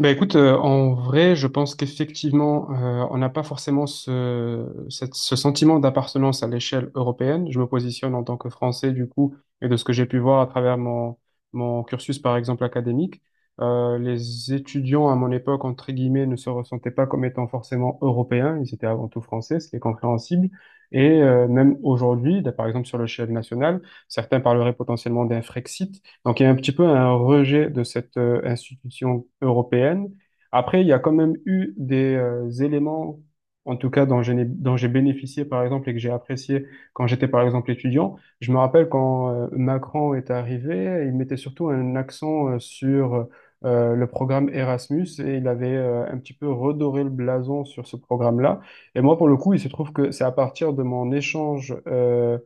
En vrai, je pense qu'effectivement, on n'a pas forcément ce sentiment d'appartenance à l'échelle européenne. Je me positionne en tant que Français, du coup, et de ce que j'ai pu voir à travers mon cursus, par exemple, académique, les étudiants à mon époque, entre guillemets, ne se ressentaient pas comme étant forcément européens. Ils étaient avant tout français, ce qui est compréhensible. Et même aujourd'hui, là, par exemple, sur l'échelle nationale, certains parleraient potentiellement d'un Frexit. Donc, il y a un petit peu un rejet de cette institution européenne. Après, il y a quand même eu des éléments, en tout cas, dont j'ai bénéficié, par exemple, et que j'ai apprécié quand j'étais, par exemple, étudiant. Je me rappelle quand Macron est arrivé, il mettait surtout un accent sur le programme Erasmus et il avait un petit peu redoré le blason sur ce programme-là. Et moi, pour le coup, il se trouve que c'est à partir de mon échange euh,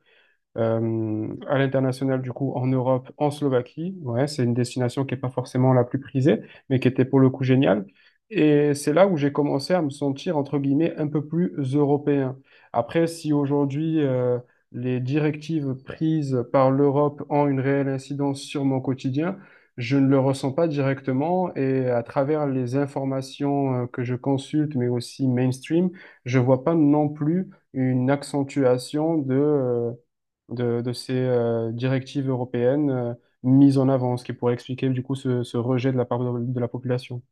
euh, à l'international, du coup, en Europe, en Slovaquie. Ouais, c'est une destination qui n'est pas forcément la plus prisée, mais qui était pour le coup géniale. Et c'est là où j'ai commencé à me sentir, entre guillemets, un peu plus européen. Après, si aujourd'hui, les directives prises par l'Europe ont une réelle incidence sur mon quotidien, je ne le ressens pas directement et à travers les informations que je consulte, mais aussi mainstream, je vois pas non plus une accentuation de ces directives européennes mises en avant, ce qui pourrait expliquer du coup ce rejet de la part de la population.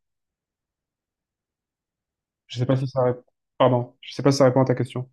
Je sais pas si ça répond. Pardon, je sais pas si ça répond à ta question.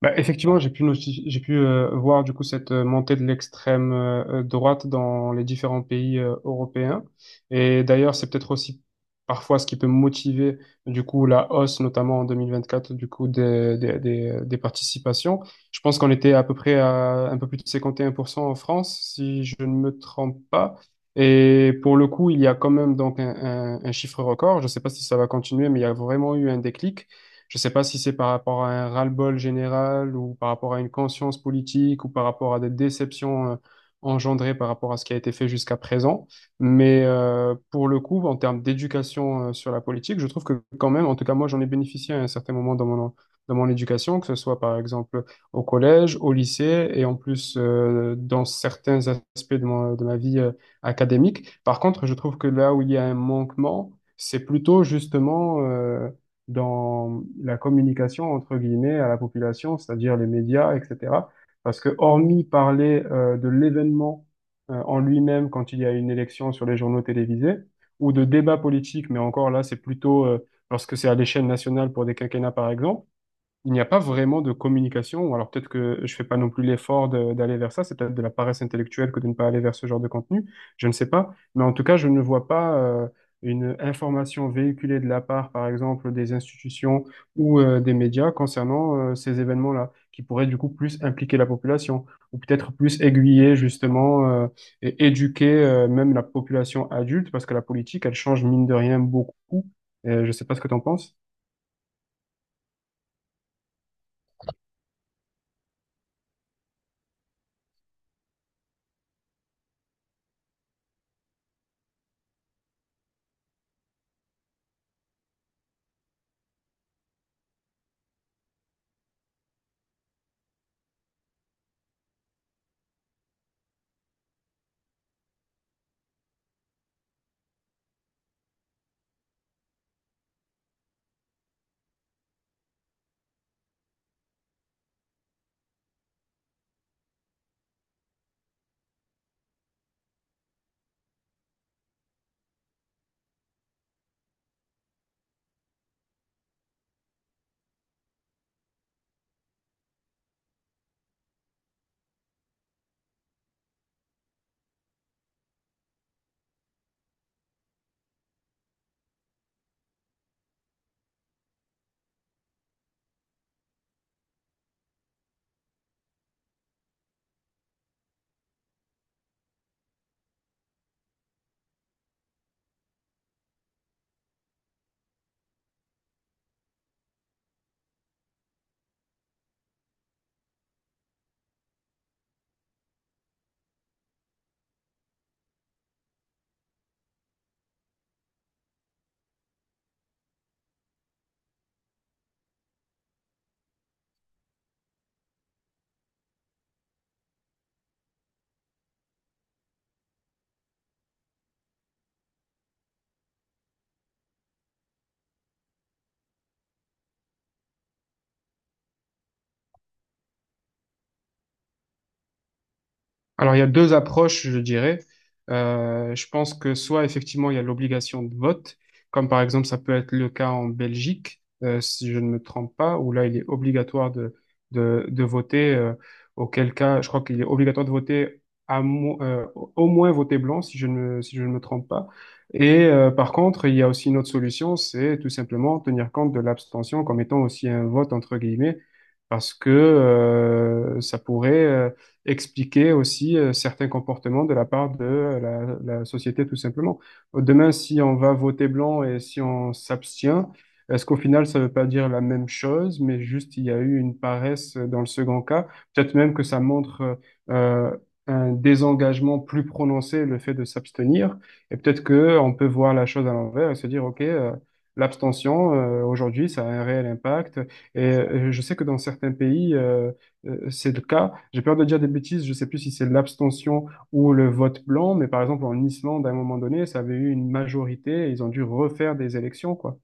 Bah, effectivement, j'ai pu voir du coup cette montée de l'extrême droite dans les différents pays européens. Et d'ailleurs, c'est peut-être aussi parfois ce qui peut motiver du coup la hausse, notamment en 2024, du coup des participations. Je pense qu'on était à peu près à un peu plus de 51% en France, si je ne me trompe pas. Et pour le coup, il y a quand même donc un chiffre record. Je ne sais pas si ça va continuer, mais il y a vraiment eu un déclic. Je sais pas si c'est par rapport à un ras-le-bol général ou par rapport à une conscience politique ou par rapport à des déceptions engendrées par rapport à ce qui a été fait jusqu'à présent. Mais pour le coup, en termes d'éducation sur la politique, je trouve que quand même, en tout cas moi, j'en ai bénéficié à un certain moment dans mon éducation, que ce soit par exemple au collège, au lycée et en plus dans certains aspects de ma vie académique. Par contre, je trouve que là où il y a un manquement, c'est plutôt justement dans la communication, entre guillemets, à la population, c'est-à-dire les médias, etc. Parce que hormis parler de l'événement en lui-même quand il y a une élection sur les journaux télévisés, ou de débats politiques, mais encore là, c'est plutôt lorsque c'est à l'échelle nationale pour des quinquennats, par exemple, il n'y a pas vraiment de communication, ou alors peut-être que je fais pas non plus l'effort d'aller vers ça, c'est peut-être de la paresse intellectuelle que de ne pas aller vers ce genre de contenu, je ne sais pas, mais en tout cas, je ne vois pas une information véhiculée de la part, par exemple, des institutions ou des médias concernant ces événements-là, qui pourraient du coup plus impliquer la population, ou peut-être plus aiguiller justement et éduquer même la population adulte, parce que la politique, elle change mine de rien beaucoup. Je ne sais pas ce que tu en penses. Alors, il y a deux approches, je dirais. Je pense que soit effectivement il y a l'obligation de vote, comme par exemple ça peut être le cas en Belgique, si je ne me trompe pas, où là il est obligatoire de voter, auquel cas je crois qu'il est obligatoire de voter au moins voter blanc, si je ne me trompe pas. Et par contre, il y a aussi une autre solution, c'est tout simplement tenir compte de l'abstention comme étant aussi un vote entre guillemets, parce que ça pourrait expliquer aussi certains comportements de la part de la société, tout simplement. Demain, si on va voter blanc et si on s'abstient, est-ce qu'au final, ça ne veut pas dire la même chose, mais juste il y a eu une paresse dans le second cas? Peut-être même que ça montre euh, un désengagement plus prononcé, le fait de s'abstenir. Et peut-être que on peut voir la chose à l'envers et se dire, OK, l'abstention, aujourd'hui, ça a un réel impact. Et je sais que dans certains pays, c'est le cas. J'ai peur de dire des bêtises, je sais plus si c'est l'abstention ou le vote blanc, mais par exemple en Islande, à un moment donné, ça avait eu une majorité et ils ont dû refaire des élections, quoi.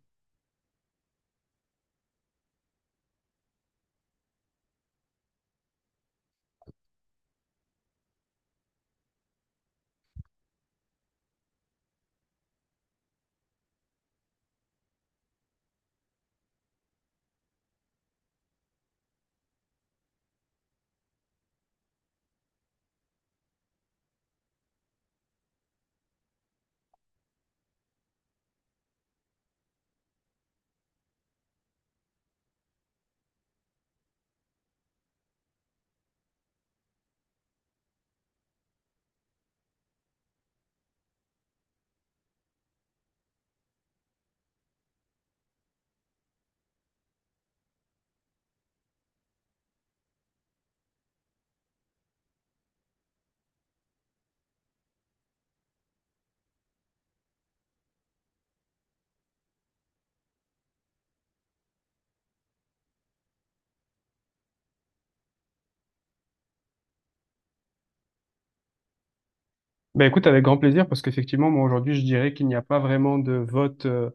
Ben écoute, avec grand plaisir, parce qu'effectivement, moi aujourd'hui, je dirais qu'il n'y a pas vraiment de vote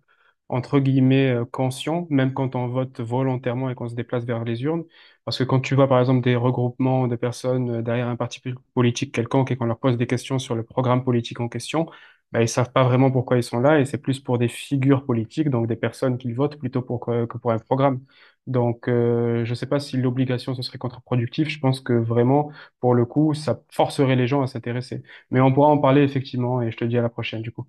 entre guillemets conscient, même quand on vote volontairement et qu'on se déplace vers les urnes. Parce que quand tu vois par exemple des regroupements de personnes derrière un parti politique quelconque et qu'on leur pose des questions sur le programme politique en question, ben, ils savent pas vraiment pourquoi ils sont là et c'est plus pour des figures politiques, donc des personnes qu'ils votent plutôt pour que pour un programme. Donc, je sais pas si l'obligation ce serait contre-productif. Je pense que vraiment, pour le coup, ça forcerait les gens à s'intéresser. Mais on pourra en parler effectivement et je te dis à la prochaine du coup.